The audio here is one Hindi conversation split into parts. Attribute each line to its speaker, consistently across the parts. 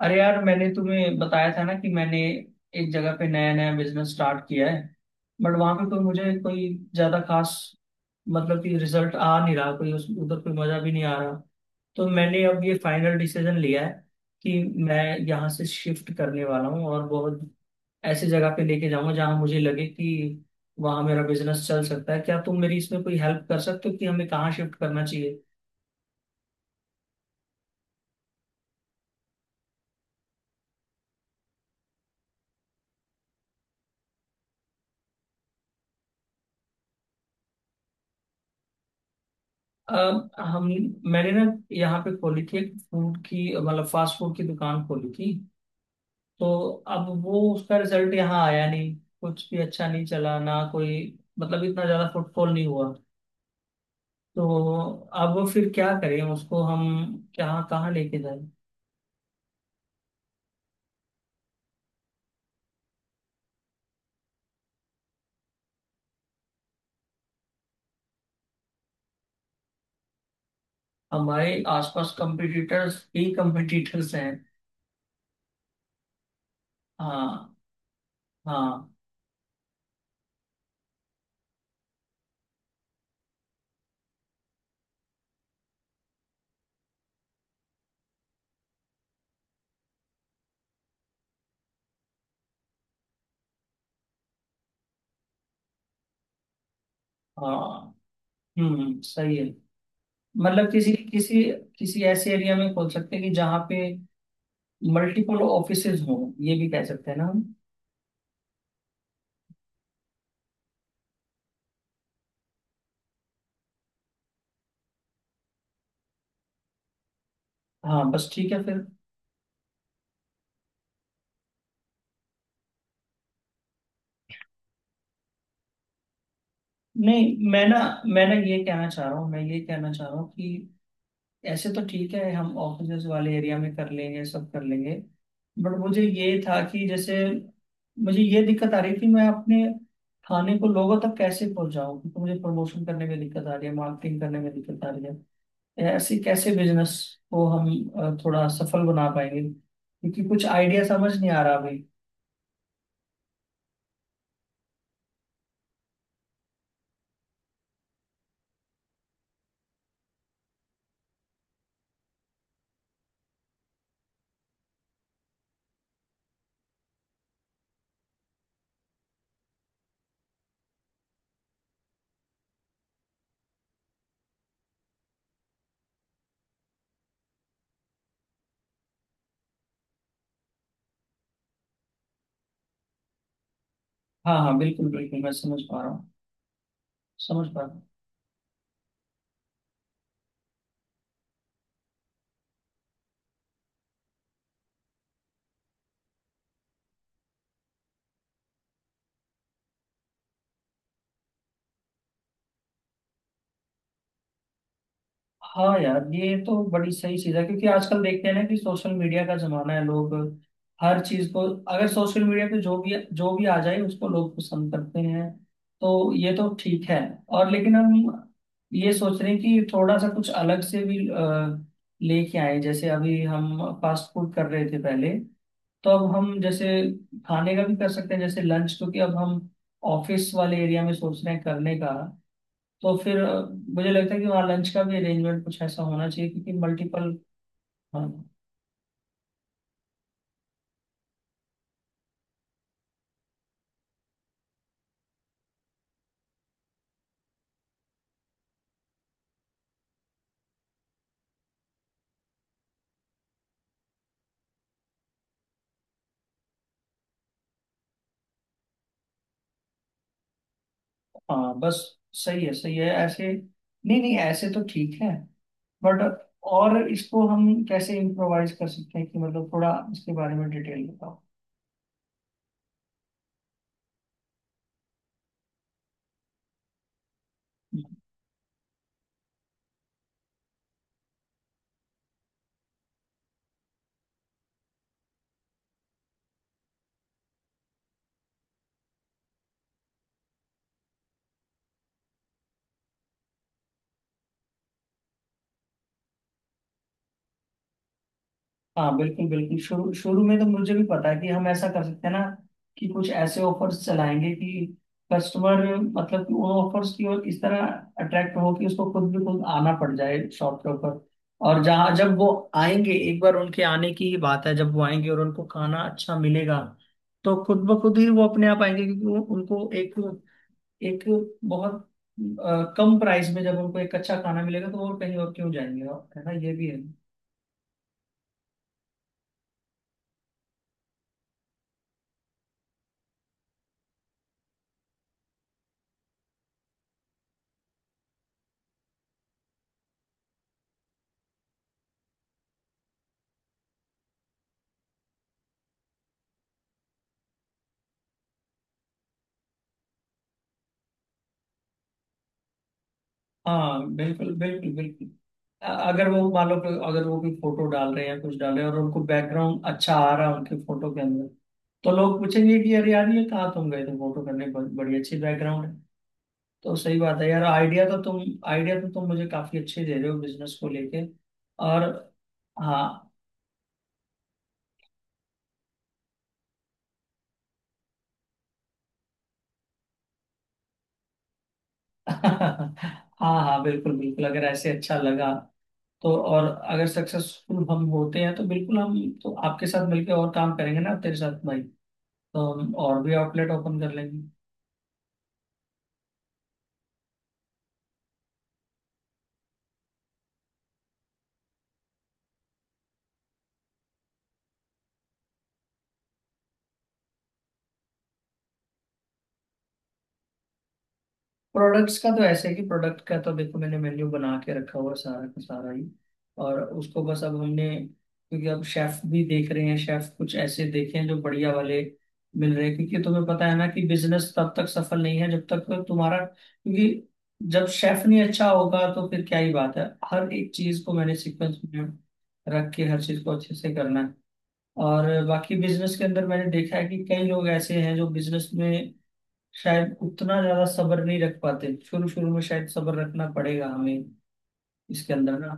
Speaker 1: अरे यार, मैंने तुम्हें बताया था ना कि मैंने एक जगह पे नया नया बिजनेस स्टार्ट किया है। बट वहां पे कोई मुझे कोई ज्यादा खास, मतलब कि रिजल्ट आ नहीं रहा कोई, उस उधर कोई मजा भी नहीं आ रहा। तो मैंने अब ये फाइनल डिसीजन लिया है कि मैं यहाँ से शिफ्ट करने वाला हूँ, और बहुत ऐसी जगह पे लेके जाऊंगा जहाँ मुझे लगे कि वहाँ मेरा बिजनेस चल सकता है। क्या तुम मेरी इसमें कोई हेल्प कर सकते हो कि हमें कहाँ शिफ्ट करना? अब हम मैंने ना यहाँ पे खोली थी एक फूड की, मतलब फास्ट फूड की दुकान खोली थी। तो अब वो उसका रिजल्ट यहाँ आया नहीं, कुछ भी अच्छा नहीं चला ना कोई, मतलब इतना ज्यादा फुटफॉल नहीं हुआ। तो अब फिर क्या करें उसको हम, क्या कहाँ लेके जाएं? हमारे आसपास कंपटीटर्स ही कंपटीटर्स हैं। हाँ, हाँ, हाँ। हम्म, सही है। मतलब किसी किसी किसी ऐसे एरिया में खोल सकते हैं कि जहाँ पे मल्टीपल ऑफिसेज हो, ये भी कह सकते हैं ना हम। हाँ, बस ठीक है फिर। नहीं, मैं ना मैं ना ये कहना चाह रहा हूँ मैं ये कहना चाह रहा हूँ कि ऐसे तो ठीक है, हम ऑफिसेज वाले एरिया में कर लेंगे, सब कर लेंगे। बट मुझे ये था कि जैसे मुझे ये दिक्कत आ रही थी, मैं अपने खाने को लोगों तक कैसे पहुंचाऊं, क्योंकि मुझे प्रमोशन करने में दिक्कत आ रही है, मार्केटिंग करने में दिक्कत आ रही है। ऐसे कैसे बिजनेस को हम थोड़ा सफल बना पाएंगे, क्योंकि कुछ आइडिया समझ नहीं आ रहा अभी। हाँ, हाँ, बिल्कुल बिल्कुल, मैं समझ पा रहा हूँ, समझ पा रहा हूँ। हाँ यार, ये तो बड़ी सही चीज़ है, क्योंकि आजकल देखते हैं ना कि सोशल मीडिया का जमाना है, लोग हर चीज़ को, अगर सोशल मीडिया पे जो भी आ जाए उसको लोग पसंद करते हैं। तो ये तो ठीक है। और लेकिन हम ये सोच रहे हैं कि थोड़ा सा कुछ अलग से भी लेके आए। जैसे अभी हम फास्ट फूड कर रहे थे पहले, तो अब हम जैसे खाने का भी कर सकते हैं, जैसे लंच, क्योंकि अब हम ऑफिस वाले एरिया में सोच रहे हैं करने का। तो फिर मुझे लगता है कि वहाँ लंच का भी अरेंजमेंट कुछ ऐसा होना चाहिए, क्योंकि मल्टीपल। हाँ, हाँ, बस सही है, सही है ऐसे। नहीं नहीं, ऐसे तो ठीक है। बट और इसको हम कैसे इम्प्रोवाइज कर सकते हैं कि, मतलब थोड़ा इसके बारे में डिटेल बताओ। हाँ बिल्कुल बिल्कुल, शुरू शुरू में तो मुझे भी पता है कि हम ऐसा कर सकते हैं ना कि कुछ ऐसे ऑफर्स चलाएंगे कि कस्टमर, मतलब कि उन ऑफर्स की ओर इस तरह अट्रैक्ट हो कि उसको खुद भी खुद आना पड़ जाए शॉप के ऊपर। और जहाँ जब वो आएंगे एक बार, उनके आने की ही बात है, जब वो आएंगे और उनको खाना अच्छा मिलेगा, तो खुद ब खुद ही वो अपने आप आएंगे। क्योंकि उनको एक एक बहुत कम प्राइस में जब उनको एक अच्छा खाना मिलेगा तो वो कहीं और क्यों जाएंगे। है ना, ये भी है। हाँ बिल्कुल बिल्कुल बिल्कुल। अगर वो मान लो कि अगर वो कोई फोटो डाल रहे हैं, कुछ डाल रहे हैं और उनको बैकग्राउंड अच्छा आ रहा है उनके फोटो के अंदर, तो लोग पूछेंगे कि यार यार ये कहाँ तुम गए थे फोटो करने, बड़ी अच्छी बैकग्राउंड है। तो सही बात है यार, आइडिया तो तुम मुझे काफी अच्छे दे रहे हो बिजनेस को लेके। और हाँ हाँ, हाँ, बिल्कुल बिल्कुल, अगर ऐसे अच्छा लगा तो, और अगर सक्सेसफुल हम होते हैं तो बिल्कुल हम, तो आपके साथ मिलकर और काम करेंगे ना, तेरे साथ भाई। तो हम और भी आउटलेट ओपन कर लेंगे। प्रोडक्ट्स का तो ऐसे है कि प्रोडक्ट का तो देखो, मैंने मेन्यू बना के रखा हुआ है सारा का सारा ही। और उसको बस अब हमने, क्योंकि अब शेफ भी देख रहे हैं, शेफ कुछ ऐसे देखे हैं जो बढ़िया वाले मिल रहे हैं, क्योंकि तुम्हें पता है ना कि बिजनेस तब तक सफल नहीं है जब तक तुम्हारा, क्योंकि जब शेफ नहीं अच्छा होगा तो फिर क्या ही बात है। हर एक चीज को मैंने सीक्वेंस में रख के हर चीज को अच्छे से करना है। और बाकी बिजनेस के अंदर मैंने देखा है कि कई लोग ऐसे हैं जो बिजनेस में शायद उतना ज्यादा सब्र नहीं रख पाते, शुरू शुरू में शायद सब्र रखना पड़ेगा हमें इसके अंदर ना।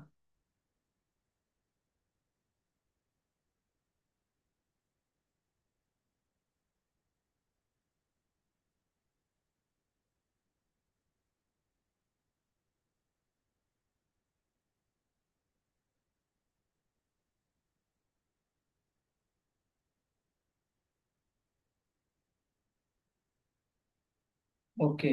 Speaker 1: ओके।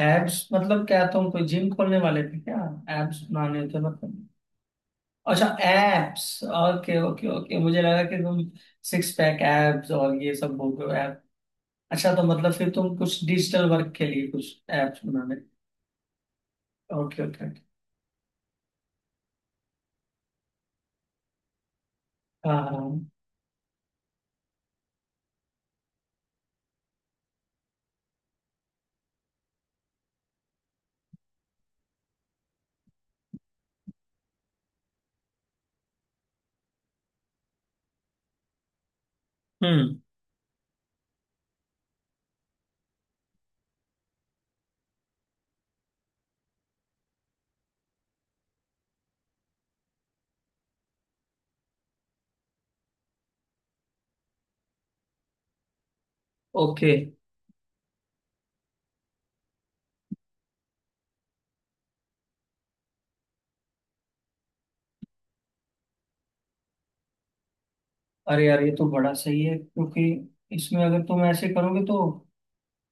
Speaker 1: एब्स मतलब क्या, तुम कोई जिम खोलने वाले थे क्या? एब्स बनाने थे मतलब? अच्छा, एब्स, ओके, ओके, ओके। मुझे लगा कि तुम सिक्स पैक एब्स और ये सब बोल रहे हो, ऐप। अच्छा, तो मतलब फिर तुम कुछ डिजिटल वर्क के लिए कुछ एप्स बनाने। Okay, okay, okay. हाँ, हाँ। हम्म। ओके। अरे यार, ये तो बड़ा सही है, क्योंकि इसमें अगर तुम ऐसे करोगे तो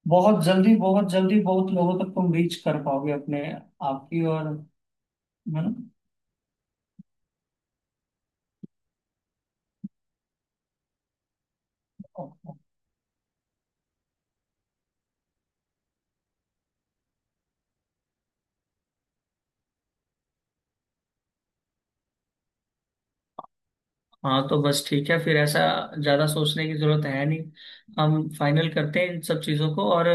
Speaker 1: बहुत जल्दी बहुत जल्दी बहुत लोगों तक तुम रीच कर पाओगे अपने आप की और, है ना। हाँ तो बस ठीक है फिर, ऐसा ज्यादा सोचने की जरूरत है नहीं। हम फाइनल करते हैं इन सब चीजों को। और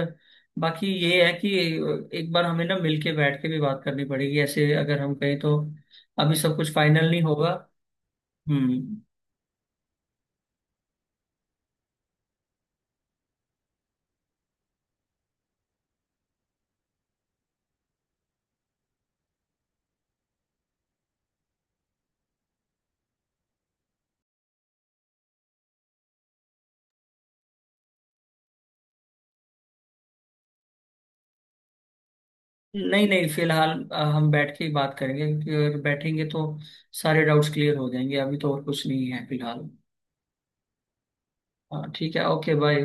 Speaker 1: बाकी ये है कि एक बार हमें ना मिलके बैठ के भी बात करनी पड़ेगी, ऐसे अगर हम कहें तो अभी सब कुछ फाइनल नहीं होगा। हम्म। नहीं नहीं, फिलहाल हम बैठ के ही बात करेंगे, क्योंकि अगर बैठेंगे तो सारे डाउट्स क्लियर हो जाएंगे। अभी तो और कुछ नहीं है फिलहाल। हाँ ठीक है, ओके, बाय।